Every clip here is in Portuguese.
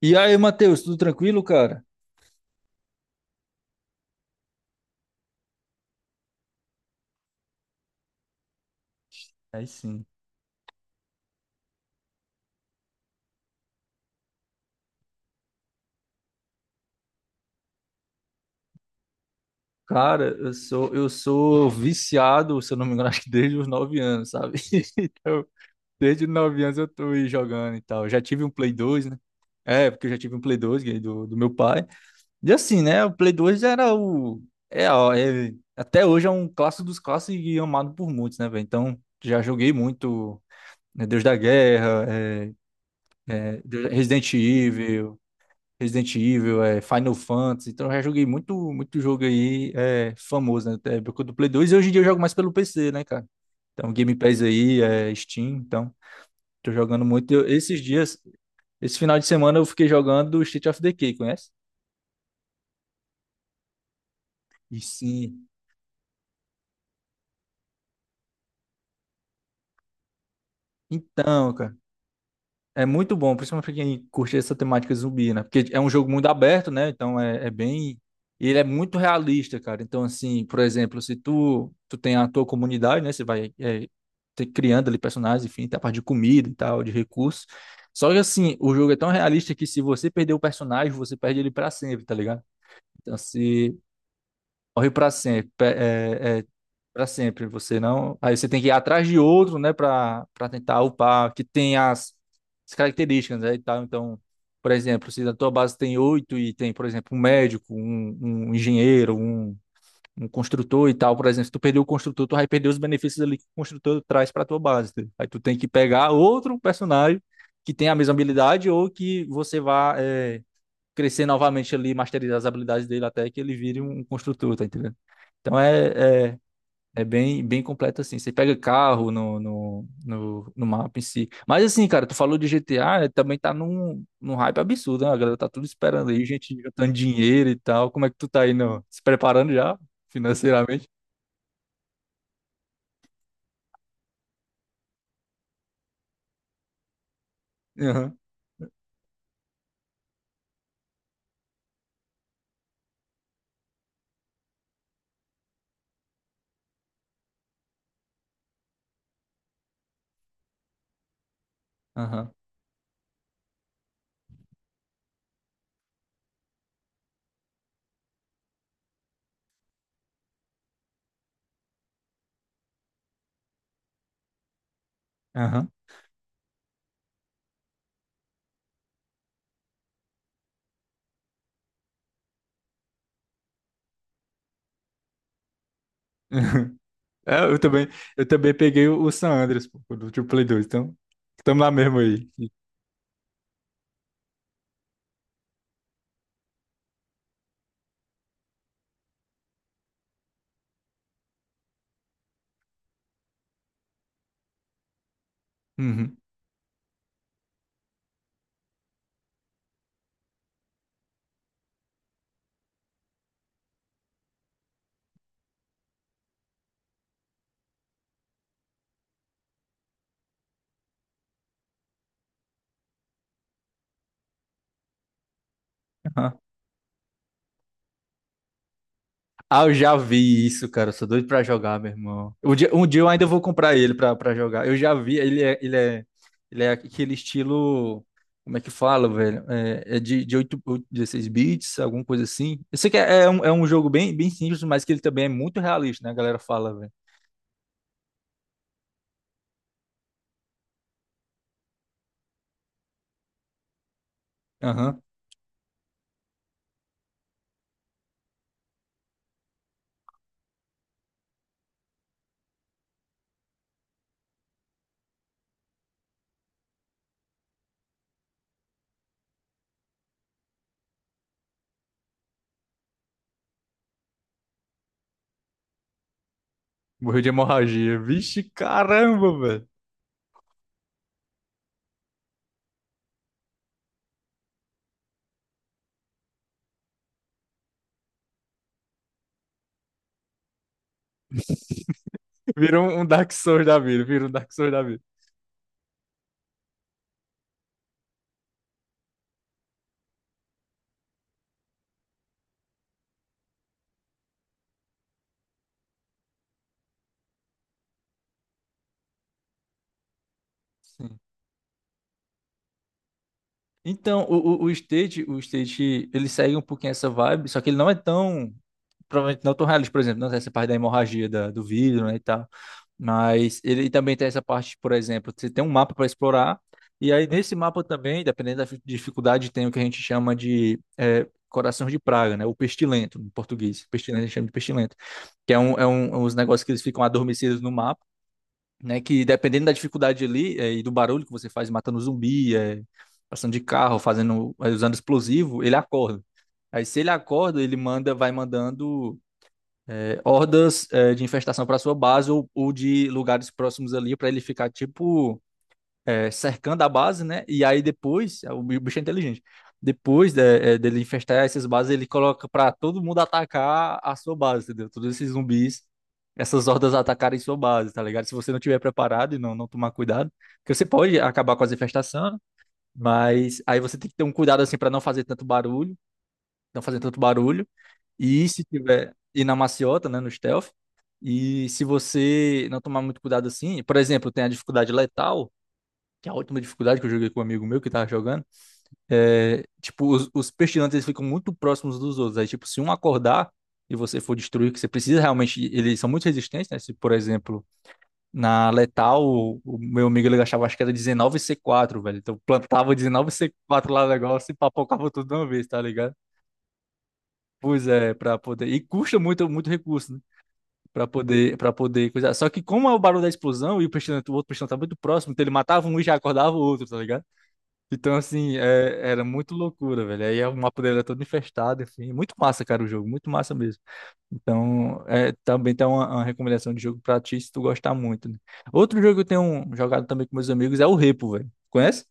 E aí, Matheus, tudo tranquilo, cara? Aí sim. Cara, eu sou viciado, se eu não me engano, acho que desde os 9 anos, sabe? Então, desde os 9 anos eu tô aí jogando e tal. Já tive um Play 2, né? É, porque eu já tive um Play 2, ganhei do meu pai. E assim, né? O Play 2 era o. É, ó, até hoje é um clássico dos clássicos e amado por muitos, né, velho? Então, já joguei muito, né, Deus da Guerra, é, Resident Evil. Resident Evil, é, Final Fantasy. Então eu já joguei muito, muito jogo aí é, famoso, né? Da época do Play 2. E hoje em dia eu jogo mais pelo PC, né, cara? Então Game Pass aí, é, Steam, então tô jogando muito. Esses dias, esse final de semana eu fiquei jogando State of Decay, conhece? E sim. Então, cara. É muito bom, principalmente pra quem curte essa temática zumbi, né? Porque é um jogo muito aberto, né? Então é bem. E ele é muito realista, cara. Então, assim, por exemplo, se tu tem a tua comunidade, né? Você vai criando ali personagens, enfim, tem a parte de comida e tal, de recursos. Só que, assim, o jogo é tão realista que se você perder o personagem, você perde ele pra sempre, tá ligado? Então, se morre pra sempre, para sempre, você não. Aí você tem que ir atrás de outro, né, para tentar upar, que tem as características, né, e tal. Então, por exemplo, se na tua base tem oito e tem, por exemplo, um médico, um engenheiro, um construtor e tal, por exemplo, se tu perder o construtor, tu vai perder os benefícios ali que o construtor traz para tua base. Entendeu? Aí tu tem que pegar outro personagem que tem a mesma habilidade ou que você vá é, crescer novamente ali, masterizar as habilidades dele até que ele vire um construtor, tá entendendo? Então é bem, bem completo assim. Você pega carro no mapa em si. Mas assim, cara, tu falou de GTA, também tá num hype absurdo, né? A galera tá tudo esperando aí, gente juntando dinheiro e tal. Como é que tu tá aí no, se preparando já financeiramente? Aham, aham, aham. É, eu também peguei o San Andreas, pô, do Play 2, então estamos lá mesmo aí. Uhum, ah, eu já vi isso, cara. Eu sou doido pra jogar, meu irmão. Um dia eu ainda vou comprar ele pra, pra jogar. Eu já vi, ele é aquele estilo. Como é que fala, velho? É de 8 8, 16 bits, alguma coisa assim. Eu sei que é um jogo bem, bem simples, mas que ele também é muito realista, né? A galera fala, velho. Aham. Morreu de hemorragia. Vixe, caramba, velho. Virou um Dark Souls da vida. Virou um Dark Souls da vida. Então, o State, ele segue um pouquinho essa vibe, só que ele não é tão, provavelmente não tão realista, por exemplo, não tem essa parte da hemorragia da, do vidro, né, e tal. Mas ele também tem essa parte, por exemplo, você tem um mapa para explorar, e aí nesse mapa também, dependendo da fi- dificuldade, tem o que a gente chama de é, coração de praga, né, o pestilento, em português, pestilento, a gente chama de pestilento, que uns negócios que eles ficam adormecidos no mapa, né? Que dependendo da dificuldade ali é, e do barulho que você faz matando zumbi, é, passando de carro, fazendo, é, usando explosivo, ele acorda. Aí se ele acorda, ele manda, vai mandando é, hordas é, de infestação para sua base ou de lugares próximos ali para ele ficar tipo é, cercando a base, né? E aí depois, é, o bicho é inteligente. Depois dele infestar essas bases, ele coloca pra todo mundo atacar a sua base, entendeu? Todos esses zumbis, essas hordas atacarem sua base, tá ligado? Se você não tiver preparado e não tomar cuidado, porque você pode acabar com as infestações, mas aí você tem que ter um cuidado assim pra não fazer tanto barulho, não fazer tanto barulho. E se tiver e na maciota, né, no stealth, e se você não tomar muito cuidado assim, por exemplo, tem a dificuldade letal, que é a última dificuldade que eu joguei com um amigo meu que tava jogando, é, tipo, os pestilantes eles ficam muito próximos dos outros. Aí, tipo, se um acordar e você for destruir, que você precisa realmente, eles são muito resistentes, né? Se, por exemplo, na letal, o meu amigo ele achava, acho que era 19 c quatro velho. Então plantava 19 c quatro lá no negócio e papocava tudo de uma vez, tá ligado? Pois é, pra poder. E custa muito, muito recurso, né? Pra poder coisar. Só que, como é o barulho da explosão e o pestilante, o outro pestilante tá muito próximo, então ele matava um e já acordava o outro, tá ligado? Então, assim, era muito loucura, velho. Aí o mapa dele era todo infestado, enfim. Muito massa, cara, o jogo, muito massa mesmo. Então, é, também tem uma recomendação de jogo pra ti, se tu gostar muito, né? Outro jogo que eu tenho jogado também com meus amigos é o Repo, velho. Conhece?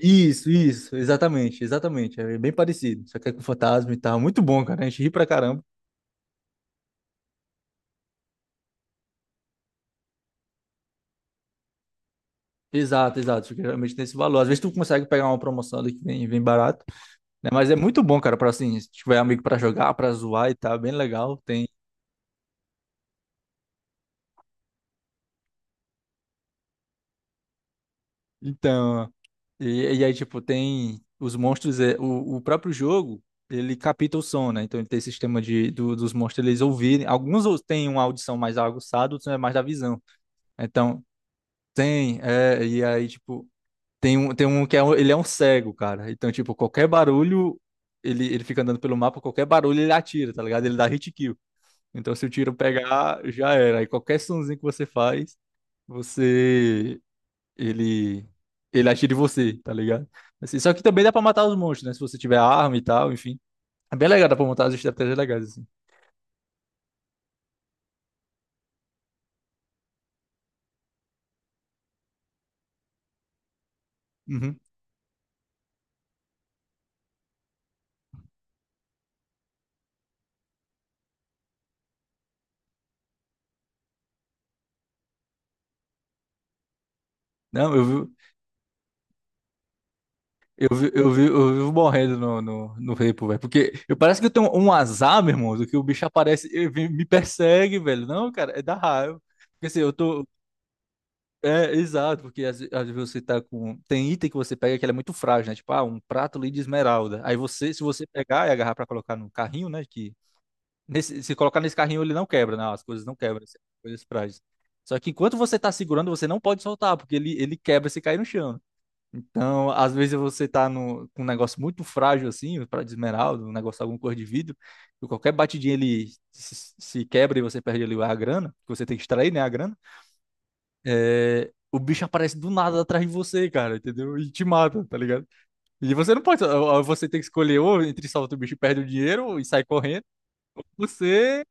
Isso, exatamente, exatamente. É bem parecido, só que é com fantasma e tal. Muito bom, cara. A gente ri pra caramba. Exato, exato. Isso geralmente tem esse valor. Às vezes tu consegue pegar uma promoção ali que vem, barato, né? Mas é muito bom, cara, pra assim, se tiver amigo pra jogar, pra zoar e tal, é bem legal. Tem Então, e aí, tipo, tem os monstros, o próprio jogo, ele capta o som, né? Então ele tem esse sistema dos monstros eles ouvirem. Alguns têm uma audição mais aguçada, outros é mais da visão. Então, tem, é, e aí, tipo, tem um que é, um- ele é um cego, cara. Então, tipo, qualquer barulho, ele fica andando pelo mapa, qualquer barulho ele atira, tá ligado? Ele dá hit kill. Então, se o tiro pegar, já era. Aí qualquer sonzinho que você faz, você ele ele atira em você, tá ligado? Assim, só que também dá pra matar os monstros, né? Se você tiver arma e tal, enfim. É bem legal, dá pra montar as estratégias legais, assim. Uhum. Não, eu vivo morrendo no repo, velho. Porque eu parece que eu tenho um azar, meu irmão, do que o bicho aparece e me persegue, velho. Não, cara, é da raiva. Porque assim, eu tô. É, exato, porque às vezes você tá com. Tem item que você pega que ele é muito frágil, né? Tipo, ah, um prato ali de esmeralda. Aí você, se você pegar e agarrar pra colocar no carrinho, né? Se colocar nesse carrinho, ele não quebra, não, as coisas não quebram, assim, as coisas frágeis. Só que enquanto você tá segurando, você não pode soltar, porque ele quebra se cair no chão. Então, às vezes você tá no, com um negócio muito frágil assim, pra de esmeralda, um negócio, alguma cor de vidro, e qualquer batidinha ele se quebra e você perde ali a grana, que você tem que extrair, né, a grana. É, o bicho aparece do nada atrás de você, cara, entendeu? E te mata, tá ligado? E você não pode, ou você tem que escolher ou entre solta o bicho e perde o dinheiro, e sai correndo, você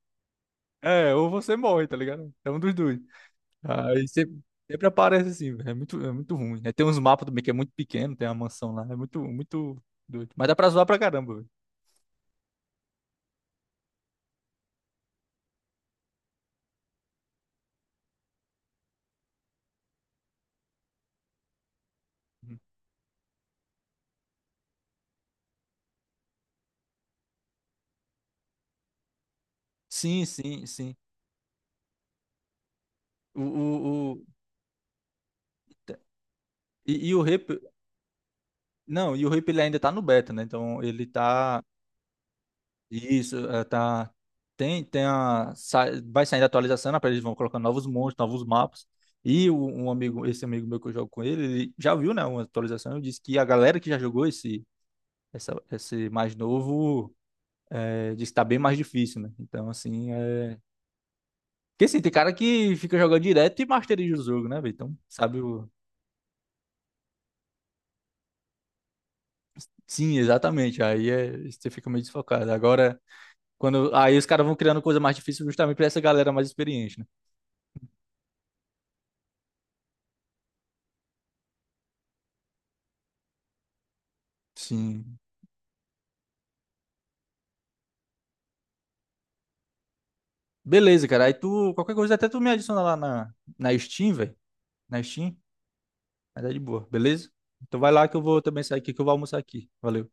ou você morre, tá ligado? É um dos dois. Aí sempre, sempre aparece assim, velho. É muito ruim. Aí tem uns mapas também que é muito pequeno, tem uma mansão lá. É muito, muito doido. Mas dá pra zoar pra caramba, velho. Sim, sim, sim. O, o, o- e o Rip. Não, e o Rip ele ainda tá no beta, né? Então ele tá. Isso, é, tá. Tem a. Vai saindo a atualização, né? Eles vão colocando novos monstros, novos mapas. Um amigo, esse amigo meu que eu jogo com ele, ele já viu, né? Uma atualização. Ele disse que a galera que já jogou esse mais novo é, diz que tá bem mais difícil, né? Então, assim, é... Porque, assim, tem cara que fica jogando direto e masteriza o jogo, né, velho? Então, sabe o... Sim, exatamente. Aí é... você fica meio desfocado. Agora, quando... Aí os caras vão criando coisa mais difícil justamente pra essa galera mais experiente, né? Sim. Beleza, cara. Aí tu... Qualquer coisa, até tu me adiciona lá na Steam, velho. Na Steam. Mas é de boa, beleza? Então vai lá que eu vou também sair aqui, que eu vou almoçar aqui. Valeu.